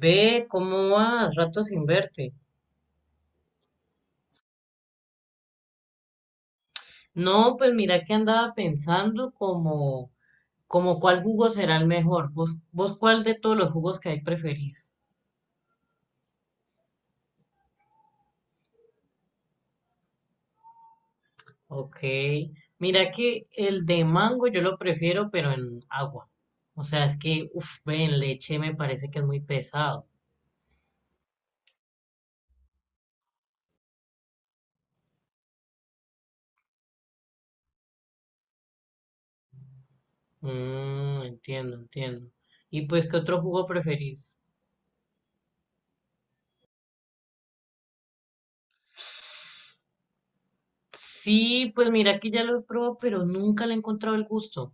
Ve, ¿cómo vas? Rato sin verte. No, pues mira que andaba pensando como, como cuál jugo será el mejor. ¿Vos cuál de todos los jugos que hay preferís? Ok. Mira que el de mango yo lo prefiero, pero en agua. O sea, es que, uff, ve, en leche me parece que es muy pesado. Mm, entiendo, entiendo. ¿Y pues qué otro jugo preferís? Sí, pues mira que ya lo he probado, pero nunca le he encontrado el gusto.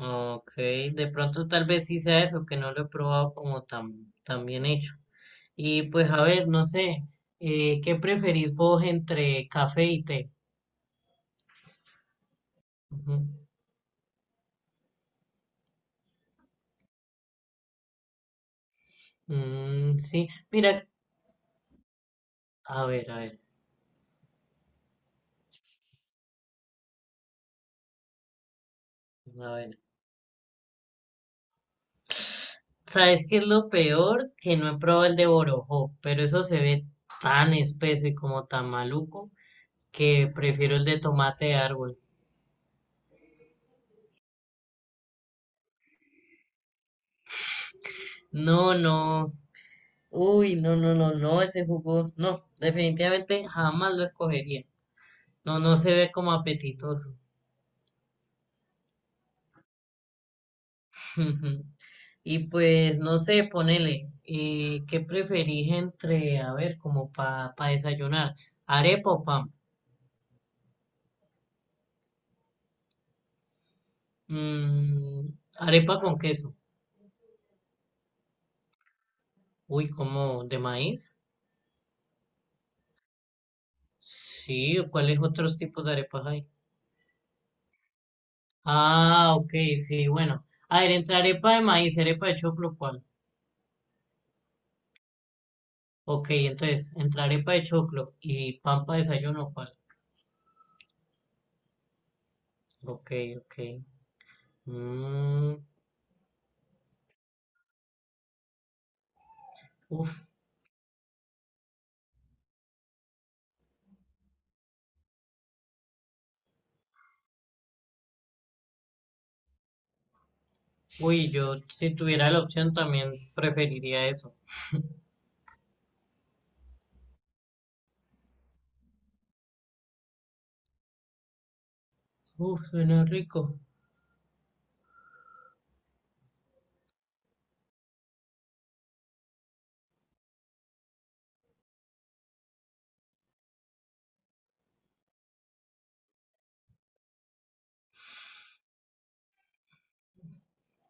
Ok, de pronto tal vez sí sea eso, que no lo he probado como tan, tan bien hecho. Y pues a ver, no sé, ¿qué preferís vos entre café y té? Ujú. Mm, sí, mira, a ver, a ver, a ver. ¿Sabes qué es lo peor? Que no he probado el de Borojó, pero eso se ve tan espeso y como tan maluco que prefiero el de tomate de árbol. No, no, uy, no, no, no, no, ese jugo, no, definitivamente jamás lo escogería. No, no se ve como apetitoso. Y pues, no sé, ponele, ¿qué preferís entre, a ver, como para desayunar? ¿Arepa o pan? Mm, arepa con queso. Uy, como, ¿de maíz? Sí, ¿o cuáles otros tipos de arepas hay? Ah, ok, sí, bueno. A ver, entre arepa de maíz, arepa de choclo, ¿cuál? Ok, entonces, entre arepa de choclo y pan para desayuno, ¿cuál? Ok, ok. Mm, uf. Uy, yo si tuviera la opción también preferiría eso. Uf, suena rico.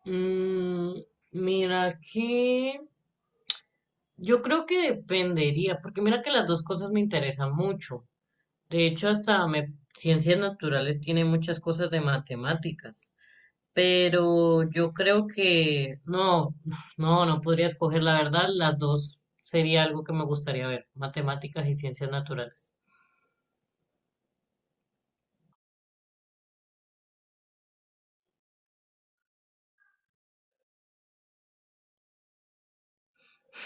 Mm, mira que yo creo que dependería, porque mira que las dos cosas me interesan mucho. De hecho, ciencias naturales tiene muchas cosas de matemáticas, pero yo creo que no, no, no podría escoger la verdad. Las dos sería algo que me gustaría ver, matemáticas y ciencias naturales.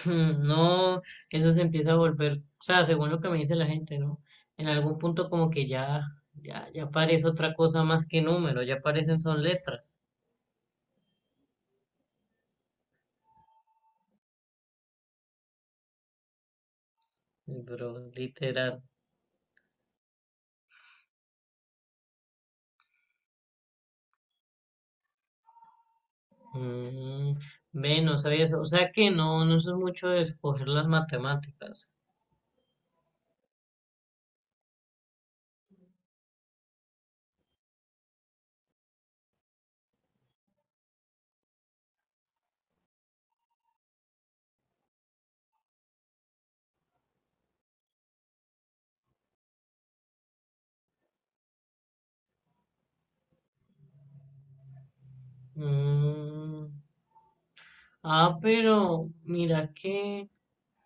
Mm, no, eso se empieza a volver, o sea, según lo que me dice la gente, ¿no? En algún punto como que ya, ya parece otra cosa más que número, ya parecen son letras, pero literal. Mm, ve, no sabía eso, o sea que no, no soy mucho de escoger las matemáticas. Mm, ah, pero mira que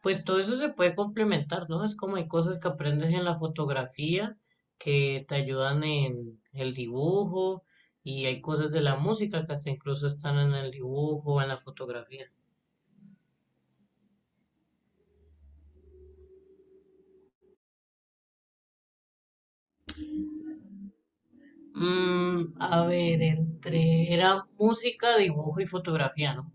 pues todo eso se puede complementar, ¿no? Es como hay cosas que aprendes en la fotografía que te ayudan en el dibujo y hay cosas de la música que hasta incluso están en el dibujo o en la fotografía. Mm, a ver, entre era música, dibujo y fotografía, ¿no?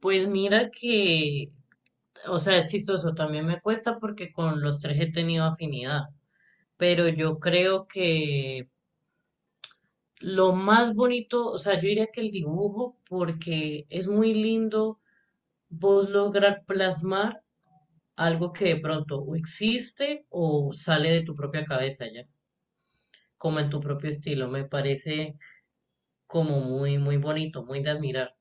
Pues mira que, o sea, es chistoso, también me cuesta porque con los tres he tenido afinidad, pero yo creo que lo más bonito, o sea, yo diría que el dibujo, porque es muy lindo vos lograr plasmar algo que de pronto o existe o sale de tu propia cabeza ya, como en tu propio estilo. Me parece como muy bonito, muy de admirar.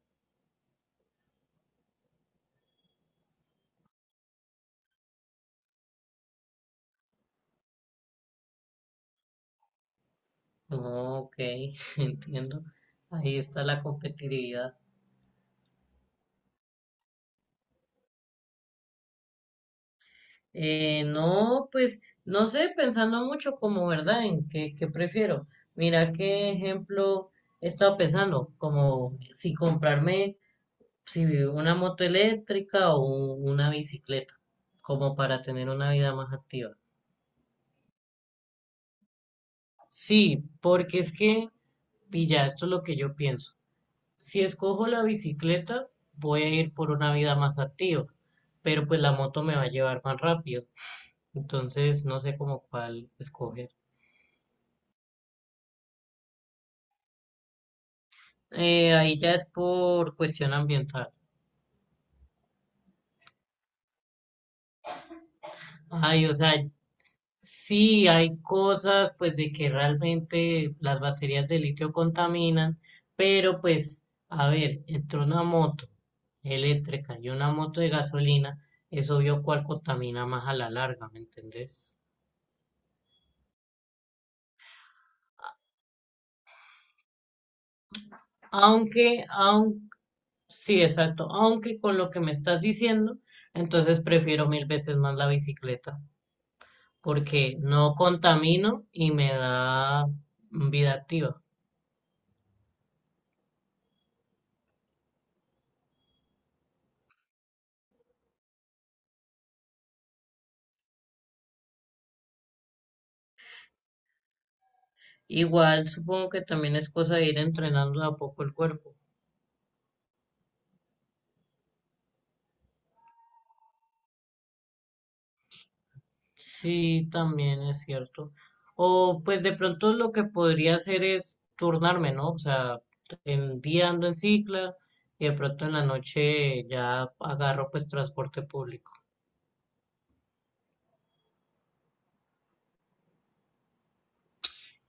Ok, entiendo. Ahí está la competitividad. No, pues no sé, pensando mucho como, ¿verdad? En qué, qué prefiero. Mira qué ejemplo he estado pensando, como si comprarme si una moto eléctrica o una bicicleta, como para tener una vida más activa. Sí, porque es que, pilla, esto es lo que yo pienso. Si escojo la bicicleta, voy a ir por una vida más activa, pero pues la moto me va a llevar más rápido. Entonces, no sé cómo cuál escoger. Ahí ya es por cuestión ambiental. Ay, o sea, sí hay cosas pues de que realmente las baterías de litio contaminan, pero pues, a ver, entre una moto eléctrica y una moto de gasolina, es obvio cuál contamina más a la larga, ¿me entendés? Aunque, aun, sí, exacto, aunque con lo que me estás diciendo, entonces prefiero mil veces más la bicicleta. Porque no contamino y me da vida activa. Igual supongo que también es cosa de ir entrenando de a poco el cuerpo. Sí, también es cierto. O pues de pronto lo que podría hacer es turnarme, ¿no? O sea, el día ando en cicla y de pronto en la noche ya agarro pues transporte público.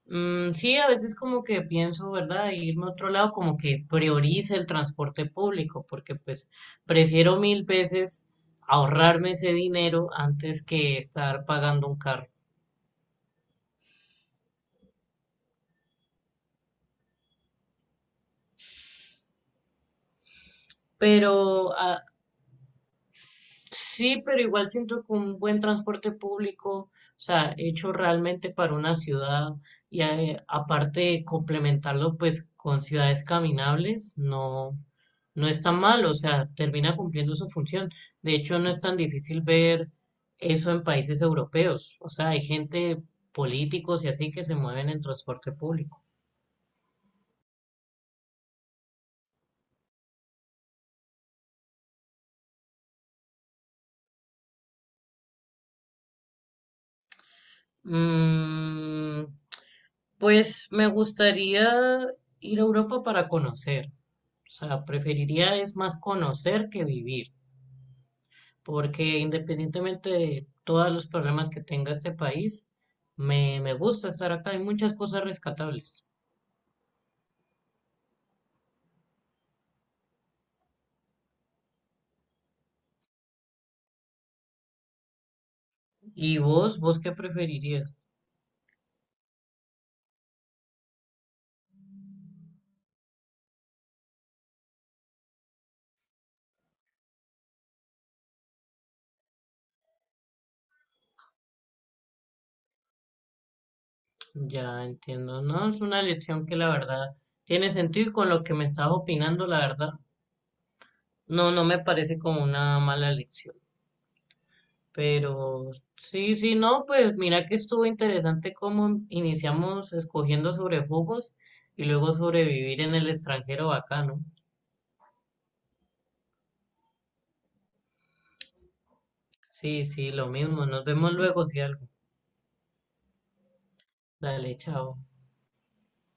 Mm, sí, a veces como que pienso, ¿verdad? Irme a otro lado, como que priorice el transporte público, porque pues prefiero mil veces ahorrarme ese dinero antes que estar pagando un carro. Pero a- Sí, pero igual siento que un buen transporte público, o sea, hecho realmente para una ciudad y aparte de complementarlo pues con ciudades caminables, no, no es tan mal, o sea, termina cumpliendo su función. De hecho, no es tan difícil ver eso en países europeos, o sea, hay gente, políticos y así que se mueven en transporte público. Mm, pues me gustaría ir a Europa para conocer. O sea, preferiría es más conocer que vivir, porque independientemente de todos los problemas que tenga este país, me gusta estar acá, hay muchas cosas rescatables. ¿Y vos qué preferirías? Ya entiendo, no es una elección que la verdad tiene sentido y con lo que me estaba opinando, la verdad, no, no me parece como una mala elección. Pero sí, sí, no, pues mira que estuvo interesante cómo iniciamos escogiendo sobre jugos y luego sobrevivir en el extranjero bacano. Sí, sí, lo mismo. Nos vemos luego si algo. Dale, chao.